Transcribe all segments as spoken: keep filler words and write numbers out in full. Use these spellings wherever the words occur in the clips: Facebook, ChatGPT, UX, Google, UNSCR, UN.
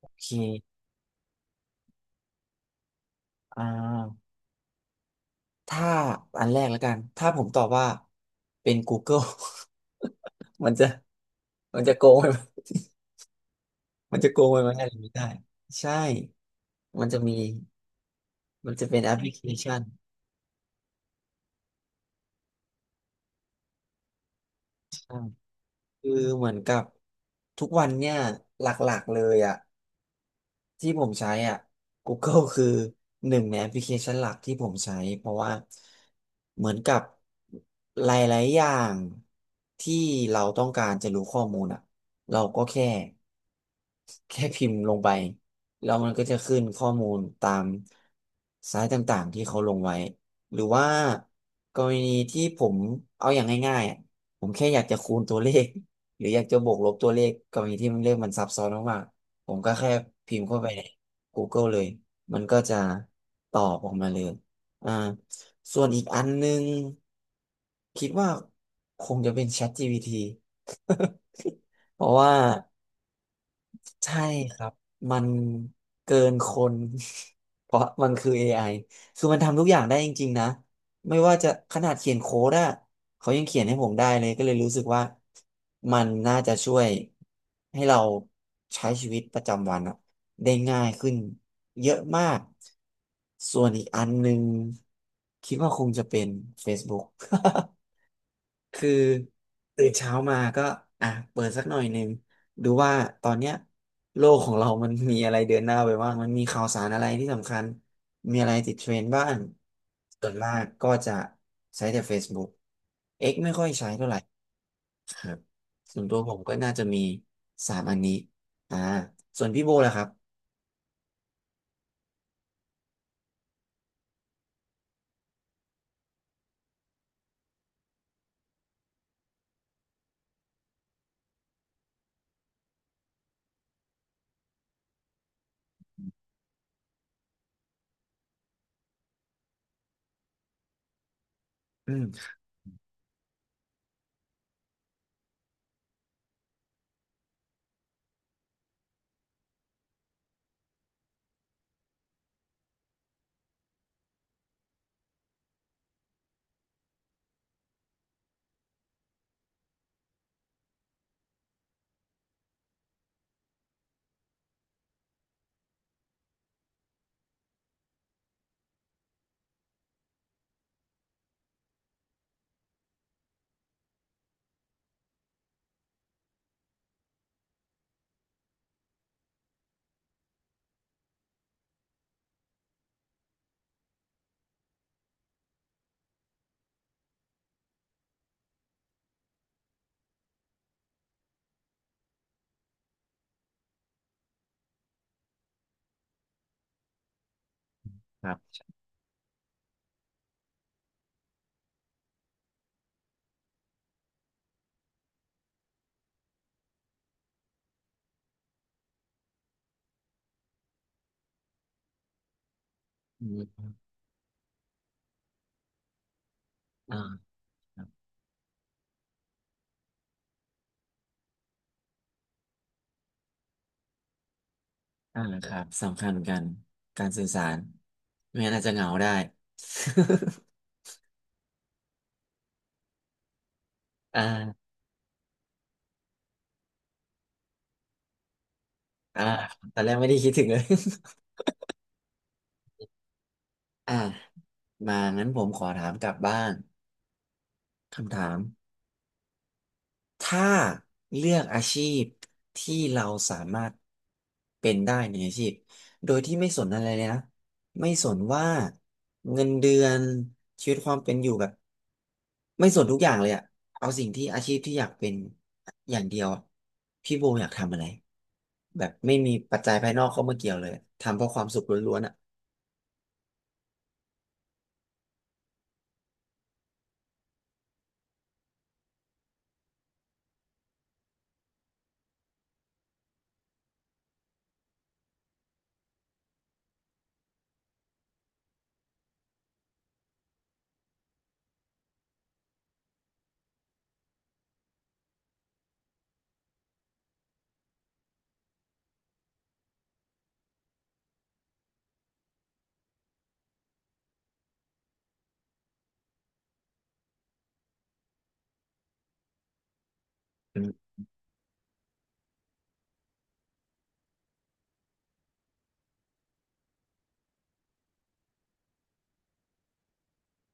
โอเคอ่าถ้าอันแรกแล้วกัน ถ้าผมตอบว่าเป็น Google มันจะ มันจะโกงไปไหม มันจะโกงไปไหมอะไรไม่ได้ใช่มันจะมีมันจะเป็นแอปพลิเคชันใช่คือเหมือนกับทุกวันเนี่ยหลักๆเลยอ่ะ ที่ผมใช้อ่ะ Google คือหนึ่งในแอปพลิเคชันหลักที่ผมใช้เพราะว่าเหมือนกับหลายๆอย่างที่เราต้องการจะรู้ข้อมูลอ่ะเราก็แค่แค่พิมพ์ลงไปแล้วมันก็จะขึ้นข้อมูลตามไซต์ต่างๆที่เขาลงไว้หรือว่ากรณีที่ผมเอาอย่างง่ายๆอะผมแค่อยากจะคูณตัวเลขหรืออยากจะบวกลบตัวเลขกรณีที่มันเลขมันซับซ้อนมาก ผมก็แค่พิมพ์เข้าไปใน Google เลย มันก็จะตอบออกมาเลย อ่าส่วนอีกอันนึงคิดว่าคงจะเป็น ChatGPT เพราะว่า ใช่ครับมันเกินคน เพราะมันคือ เอ ไอ คือมันทำทุกอย่างได้จริงๆนะไม่ว่าจะขนาดเขียนโค้ดอะเขายังเขียนให้ผมได้เลยก็เลยรู้สึกว่ามันน่าจะช่วยให้เราใช้ชีวิตประจำวันอะได้ง่ายขึ้นเยอะมากส่วนอีกอันหนึ่งคิดว่าคงจะเป็น Facebook คือตื่นเช้ามาก็อ่ะเปิดสักหน่อยหนึ่งดูว่าตอนเนี้ยโลกของเรามันมีอะไรเดินหน้าไปบ้างมันมีข่าวสารอะไรที่สำคัญมีอะไรติดเทรนด์บ้างส่วนมากก็จะใช้แต่ Facebook X ไม่ค่อยใช้เท่าไหร่ครับส่วนตัวผมก็น่าจะมีสามอันนี้อ่าส่วนพี่โบล่ะครับอืมอืมอ่าครับอ่าครับสำคัญเหมือนกันการสื่อสารไม่งั้นอาจจะเหงาได้ อ่า อ่าตอนแรกไม่ได้คิดถึงเลย อ่ามางั้นผมขอถามกลับบ้างคำถามถ้าเลือกอาชีพที่เราสามารถเป็นได้ในอาชีพโดยที่ไม่สนอะไรเลยนะไม่สนว่าเงินเดือนชีวิตความเป็นอยู่แบบไม่สนทุกอย่างเลยอะเอาสิ่งที่อาชีพที่อยากเป็นอย่างเดียวอะพี่โบอยากทำอะไรแบบไม่มีปัจจัยภายนอกเข้ามาเกี่ยวเลยทำเพราะความสุขล้วนๆอ่ะอืม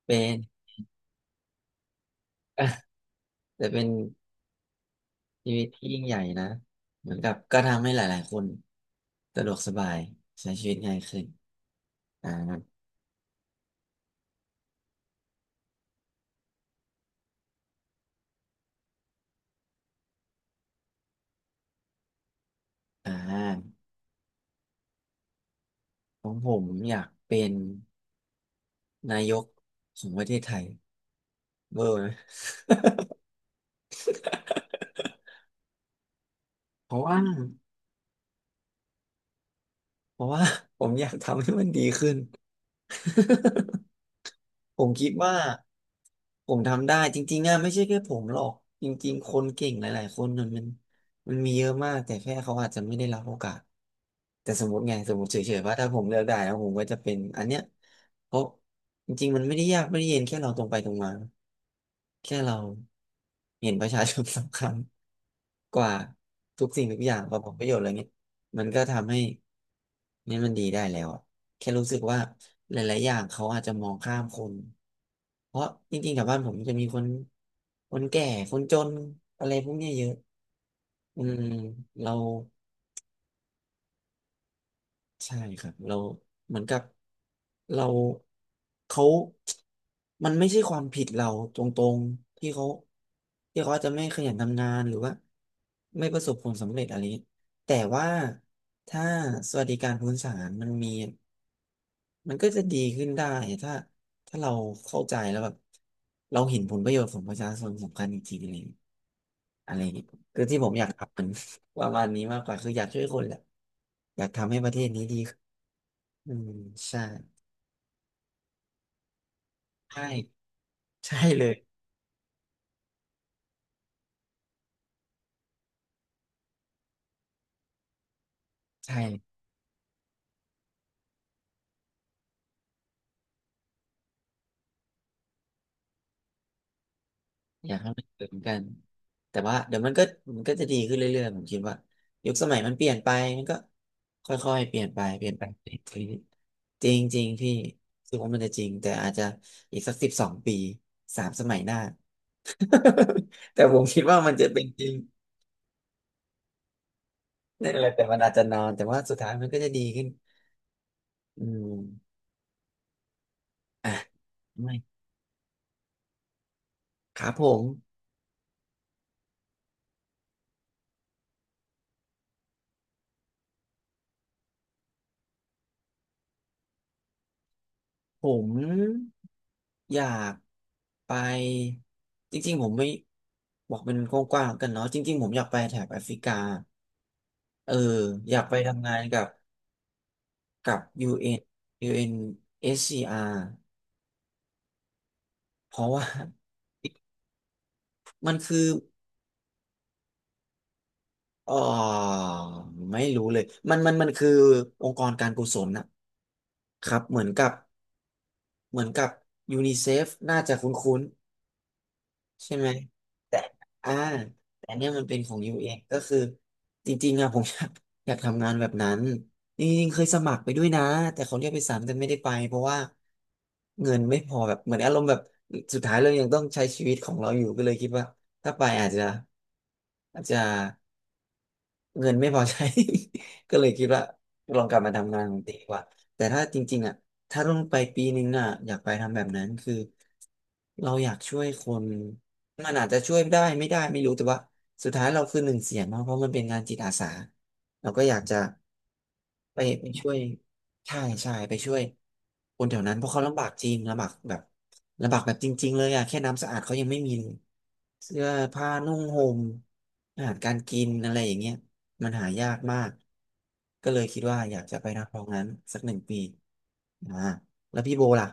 เป็น แต่เป็นชีวิตที่ยิ่งใหญ่นะ เหมือนกับก็ทำให้หลายๆ คนสะดวกสบายใช้ชีวิตง่ายขึ้น อ่าอ่าของผมอยากเป็นนายกของประเทศไทยเบอร์ไหมเพราะว่าเพราะว่า ผมอยากทำให้มันดีขึ้น ผมคิดว่าผมทำได้จริงๆอะไม่ใช่แค่ผมหรอกจริงๆคนเก่งหลายๆคนมันมันมันมีเยอะมากแต่แค่เขาอาจจะไม่ได้รับโอกาสแต่สมมติไงสมมติเฉยๆว่าถ้าผมเลือกได้แล้วผมก็จะเป็นอันเนี้ยเพราะจริงๆมันไม่ได้ยากไม่ได้เย็นแค่เราตรงไปตรงมาแค่เราเห็นประชาชนสำคัญกว่าทุกสิ่งทุกอย่างกว่าผลประโยชน์อะไรเงี้ยมันก็ทำให้นี่มันดีได้แล้ว แค่รู้สึกว่าหลายๆ อย่างเขาอาจจะมองข้ามคน เพราะจริงๆแถวบ้านผมจะมีคนคนแก่คนจนอะไรพวกเนี้ยเยอะอืมเราใช่ครับเราเหมือนกับเราเขามันไม่ใช่ความผิดเราตรงๆ ที่เขาที่เขาอาจจะไม่ขยันทำงานหรือว่าไม่ประสบผลสำเร็จอะไรเงี้ยแต่ว่าถ้าสวัสดิการพื้นฐานมันมี มันก็จะดีขึ้นได้ถ้าถ้าเราเข้าใจแล้วแบบเราเห็นผลประโยชน์ของประชาชนสำคัญจริงๆอะไรอย่างเงี้ยอะไรอย่างเงี้ยคือที่ผมอยากอัพเป็น ประมาณนี้มากกว่าคืออยากช่วยคนแหละอยากทำให้ประเทศนี้ดีขึ้นอืมใช่ใช่ใช่เลยใช่ อยากให้มันเกิดเหมือนกันแต่ว่าเดี๋ยวมันก็มันก็จะดีขึ้นเรื่อยๆผมคิดว่ายุคสมัยมันเปลี่ยนไปมันก็ค่อยๆเปลี่ยนไปเปลี่ยนไปเปลี่ยนไปจริงๆจริงๆพี่คิดว่ามันจะจริงแต่อาจจะอีกสักสิบสองปีสามสมัยหน้า แต่ผมคิดว่ามันจะเป็นจริงนั่นแหละแต่มันอาจจะนอนแต่ว่าสุดท้ายมันก็จะดีขึ้นอืมอ่ะไม่ครับผมผม อยากไปจริงๆผมไม่บอกเป็นกว้างๆกันเนาะจริงๆผมอยากไปแถบแอฟริกาเอออยากไปทำงานกับกับ ยู เอ็น ยู เอ็น เอส ซี อาร์ เอ็นยูเอ็นเอสซีอาร์เพราะว่า มันคืออ๋อไม่รู้เลยมันมันมันคือองค์กรการกุศลนะครับเหมือนกับเหมือนกับยูนิเซฟน่าจะคุ้นๆ ใช่ไหมแต่อ่าแต่เนี่ยมันเป็นของ ยู เอ็กซ์ กซ์ก็คือจริงๆอะผม อยากอยากทำงานแบบนั้นจริงๆเคยสมัครไปด้วยนะแต่เขาเรียกไปสามแต่ไม่ได้ไปเพราะว่าเงินไม่พอแบบเหมือนอารมณ์แบบสุดท้ายเรายังต้องใช้ชีวิตของเราอยู่ก็เลยคิดว่าถ้าไปอาจจะอาจจะ เงินไม่พอใช้ ก็เลยคิดว่าลองกลับมาทำงานของตีดีกว่าแต่ถ้าจริงๆอ่ะถ้าต้องไปปีนึงอ่ะอยากไปทำแบบนั้นคือเราอยากช่วยคน มันอาจจะช่วยได้ไม่ได้ไม่รู้แต่ว่าสุดท้ายเราคือหนึ่งเสียงเนาะเพราะมันเป็นงานจิตอาสาเราก็อยากจะไปไปช่วยใช่ใช่ไปช่วยคนแถวนั้นเพราะเขาลำบากจริงลำบากแบบลำบากแบบจริงๆเลยอ่ะแค่น้ำสะอาดเขายังไม่มีเลยเสื้อผ้านุ่งห่มอาหารการกินอะไรอย่างเงี้ย มันหายากมากก็เลยคิดว่าอยากจะไปนำตรองนั้นสักหนึ่งปีอ่าแล้วพี่โบล่ะ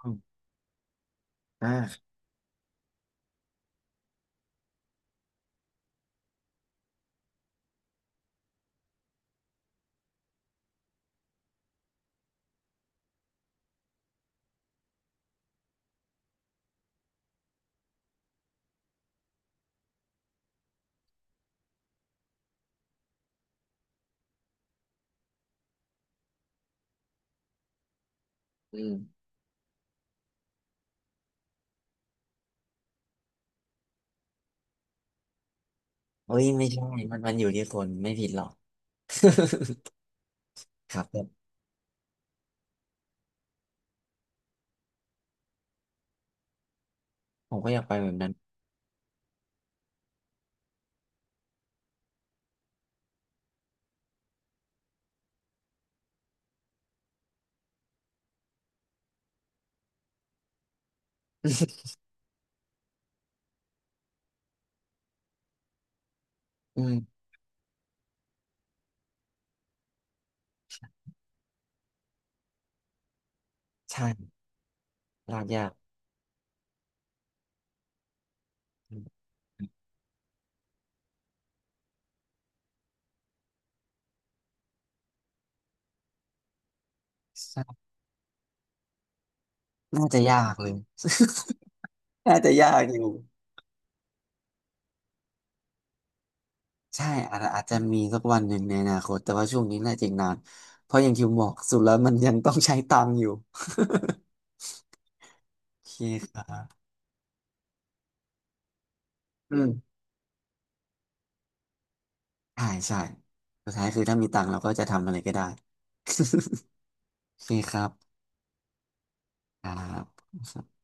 อมอ่าอืมเฮ้ยไม่ใช่มันมันอยู่ที่คนไม่ผิดหรอก ครับผมผมก็อยากไปแบบนั้น อืมใช่ลากยากอมน่าจะยากเลยน่าจะยากอยู่ใช่อาจอาจจะมีสักวันหนึ่งในอนาคตแต่ว่าช่วงนี้น่าจะอีกนานเพราะอย่างที่ผมบอกสุดแล้วมันยังต้องใช้ตังค์อยู่ โอเคครับอืม ใช่ใช่สุดท้ายคือถ้ามีตังค์เราก็จะทำอะไรก็ได้ โอเคครับครับ